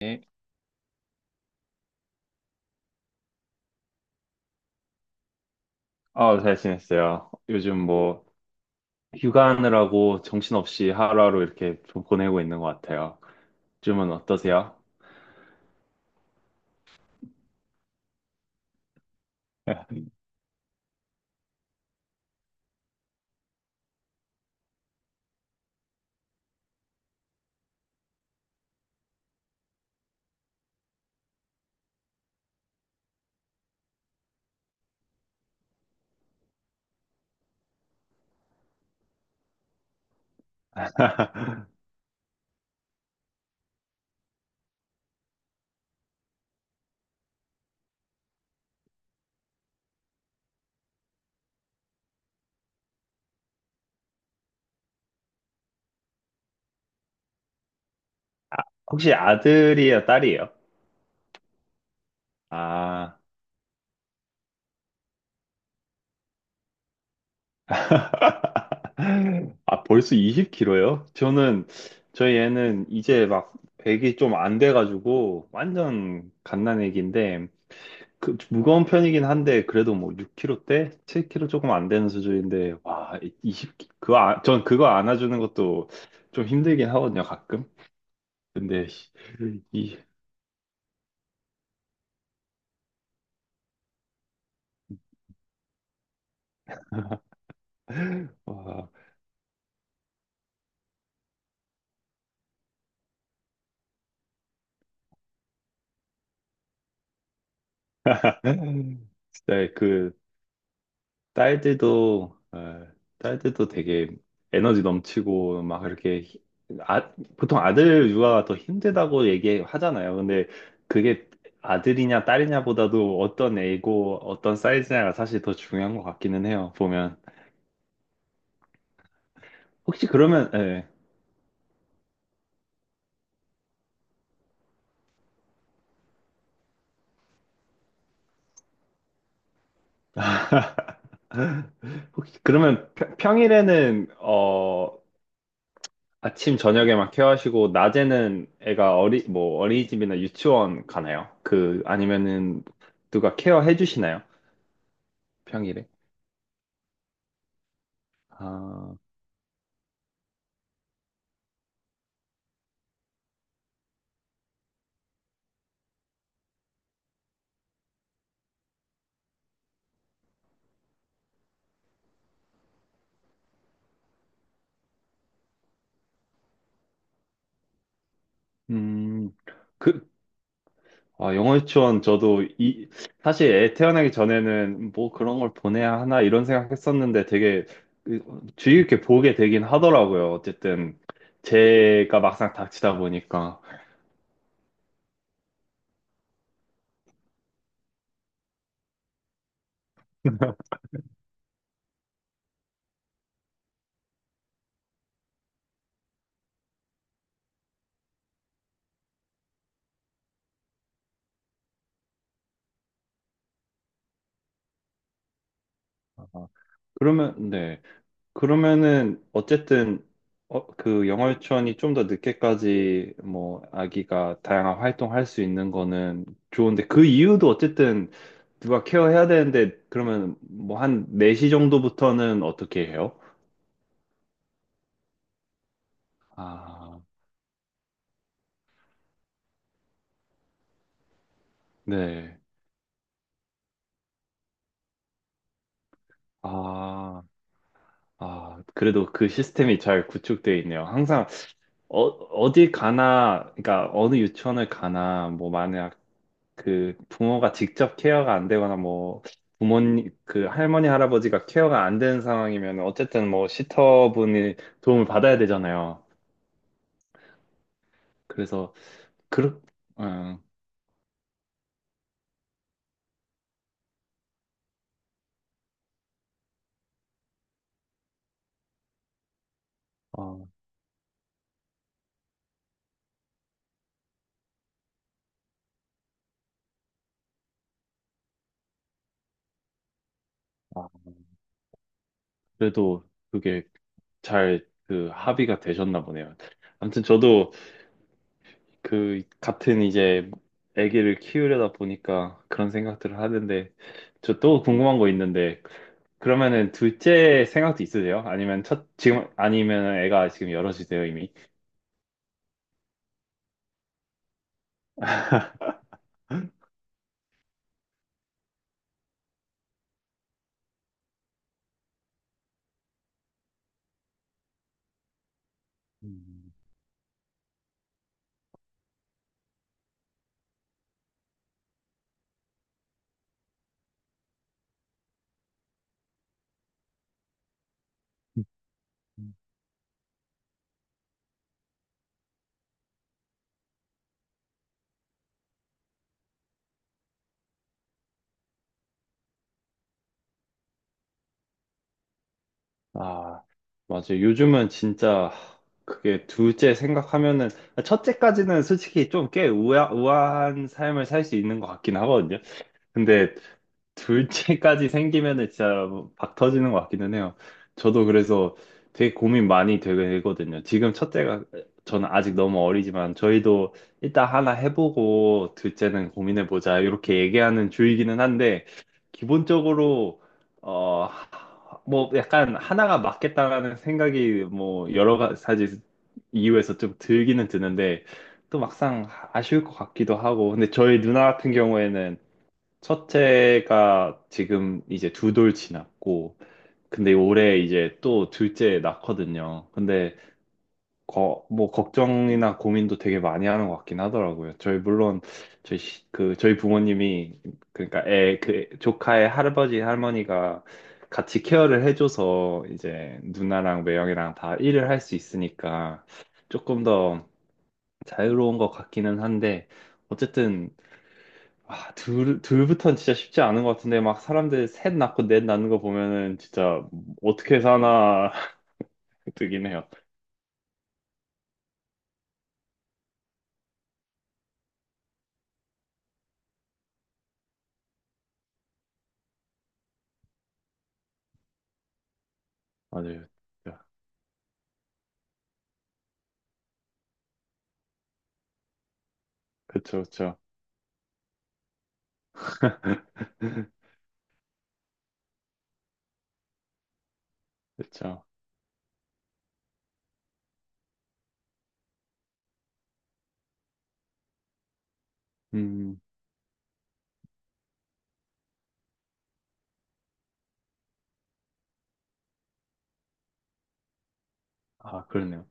네. 아, 잘 지냈어요. 요즘 뭐 휴가하느라고 정신없이 하루하루 이렇게 좀 보내고 있는 것 같아요. 요즘은 어떠세요? 혹시 아들이에요, 딸이에요? 아, 아 벌써 20kg요? 저는 저희 애는 이제 막 배기 이좀 안 돼가지고 완전 갓난 애기인데 그 무거운 편이긴 한데 그래도 뭐 6kg대, 7kg 조금 안 되는 수준인데 와 20, 그거 안- 전 그거 안아주는 것도 좀 힘들긴 하거든요 가끔. 근데 이, 와, 진짜 그 딸들도 어, 딸들도 되게 에너지 넘치고 막 이렇게 아, 보통 아들 육아가 더 힘들다고 얘기하잖아요. 근데 그게 아들이냐 딸이냐보다도 어떤 애고 어떤 사이즈냐가 사실 더 중요한 것 같기는 해요. 보면 혹시 그러면 예. 혹시 그러면 평일에는 아침 저녁에만 케어하시고 낮에는 애가 어리 뭐 어린이집이나 유치원 가나요? 그 아니면은 누가 케어해 주시나요? 평일에? 아, 음, 그, 영어 유치원 저도 사실 애 태어나기 전에는 뭐 그런 걸 보내야 하나 이런 생각했었는데 되게 그, 주의 깊게 보게 되긴 하더라고요. 어쨌든 제가 막상 닥치다 보니까. 아, 그러면, 네. 그러면은 어쨌든 그 영월천이 좀 더 늦게까지 뭐 아기가 다양한 활동할 수 있는 거는 좋은데 그 이유도 어쨌든 누가 케어해야 되는데 그러면 뭐 한 4시 정도부터는 어떻게 해요? 아, 네. 아, 아, 그래도 그 시스템이 잘 구축되어 있네요. 항상 어디 가나, 그러니까 어느 유치원을 가나, 뭐 만약 그 부모가 직접 케어가 안 되거나 뭐 부모님 그 할머니 할아버지가 케어가 안 되는 상황이면 어쨌든 뭐 시터분이 도움을 받아야 되잖아요. 그래서 그렇 어, 어, 아, 그래도 그게 잘 그 합의가 되셨나 보네요. 아무튼 저도 그 같은 이제 아기를 키우려다 보니까 그런 생각들을 하는데 저 또 궁금한 거 있는데 그러면은 둘째 생각도 있으세요? 아니면 첫 지금 아니면 애가 지금 여럿이세요 이미? 음. 아, 맞아요. 요즘은 진짜 그게 둘째 생각하면은 첫째까지는 솔직히 좀 꽤 우아한 삶을 살 수 있는 것 같긴 하거든요. 근데 둘째까지 생기면은 진짜 박 터지는 것 같기는 해요. 저도 그래서 되게 고민 많이 되거든요. 지금 첫째가 저는 아직 너무 어리지만 저희도 일단 하나 해보고 둘째는 고민해보자 이렇게 얘기하는 주의기는 한데 기본적으로 어 뭐 약간 하나가 맞겠다라는 생각이 뭐 여러 가지 이유에서 좀 들기는 드는데 또 막상 아쉬울 것 같기도 하고 근데 저희 누나 같은 경우에는 첫째가 지금 이제 두 돌 지났고, 근데 올해 이제 또 둘째 낳거든요. 근데 뭐 걱정이나 고민도 되게 많이 하는 것 같긴 하더라고요. 저희 물론 저희 부모님이 그러니까 애 그 조카의 할아버지 할머니가 같이 케어를 해줘서 이제 누나랑 매형이랑 다 일을 할 수 있으니까 조금 더 자유로운 것 같기는 한데. 어쨌든 아, 둘부터는 진짜 쉽지 않은 것 같은데, 막 사람들 셋 낳고 넷 낳는 거 보면은 진짜 어떻게 사나 뜨긴 해요. 맞아요. 그쵸, 그쵸. 그쵸. 음, 아, 그러네요.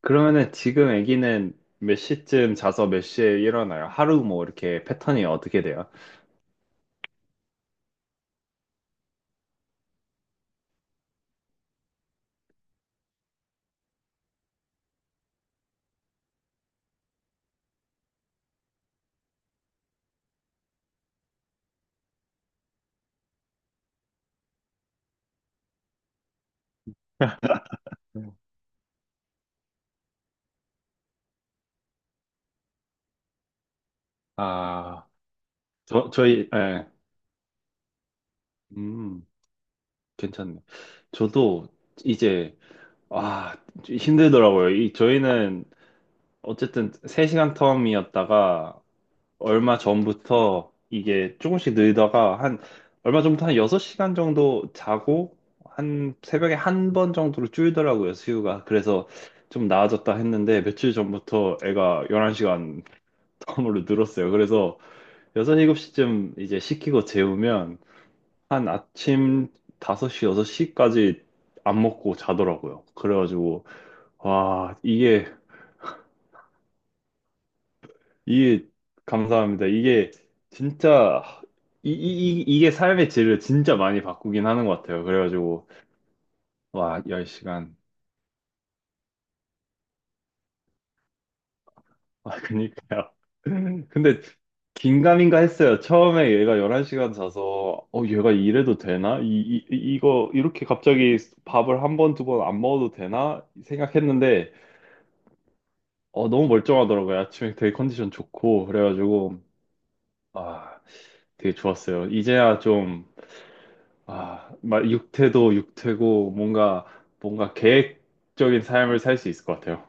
그러면은 지금 아기는 몇 시쯤 자서 몇 시에 일어나요? 하루 뭐 이렇게 패턴이 어떻게 돼요? 아, 저희, 예. 음, 괜찮네. 저도 이제, 아, 힘들더라고요. 저희는 어쨌든 3시간 텀이었다가 얼마 전부터 이게 조금씩 늘다가 한 얼마 전부터 한 6시간 정도 자고 한 새벽에 한 번 정도로 줄더라고요, 수유가. 그래서 좀 나아졌다 했는데 며칠 전부터 애가 11시간 텀으로 늘었어요. 그래서 6, 7시쯤 이제 시키고 재우면 한 아침 5시, 6시까지 안 먹고 자더라고요. 그래가지고 와, 이게 감사합니다. 이게 진짜 이게 삶의 질을 진짜 많이 바꾸긴 하는 것 같아요. 그래가지고 와, 10시간. 아, 그니까요. 근데 긴가민가 했어요. 처음에 얘가 11시간 자서 얘가 이래도 되나? 이거 이렇게 갑자기 밥을 한 번, 두 번 안 먹어도 되나? 생각했는데 너무 멀쩡하더라고요. 아침에 되게 컨디션 좋고 그래가지고 아, 되게 좋았어요. 이제야 좀 아, 막 육태도 육태고 뭔가 계획적인 삶을 살 수 있을 것 같아요.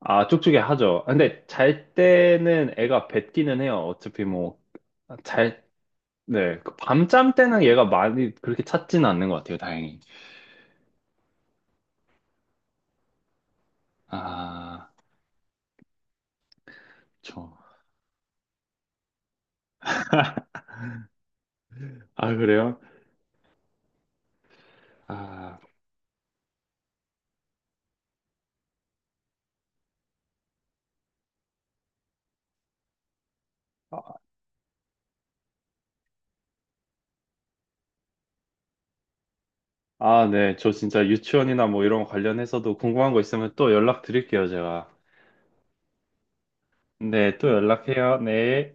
아, 쪽쪽이 하죠. 아, 근데 잘 때는 애가 뱉기는 해요. 어차피 뭐 잘, 네. 그 밤잠 때는 얘가 많이 그렇게 찾지는 않는 것 같아요, 다행히. 아, 저. 아, 그래요? 아, 아, 네. 저 진짜 유치원이나 뭐 이런 거 관련해서도 궁금한 거 있으면 또 연락 드릴게요, 제가. 네, 또 연락해요. 네.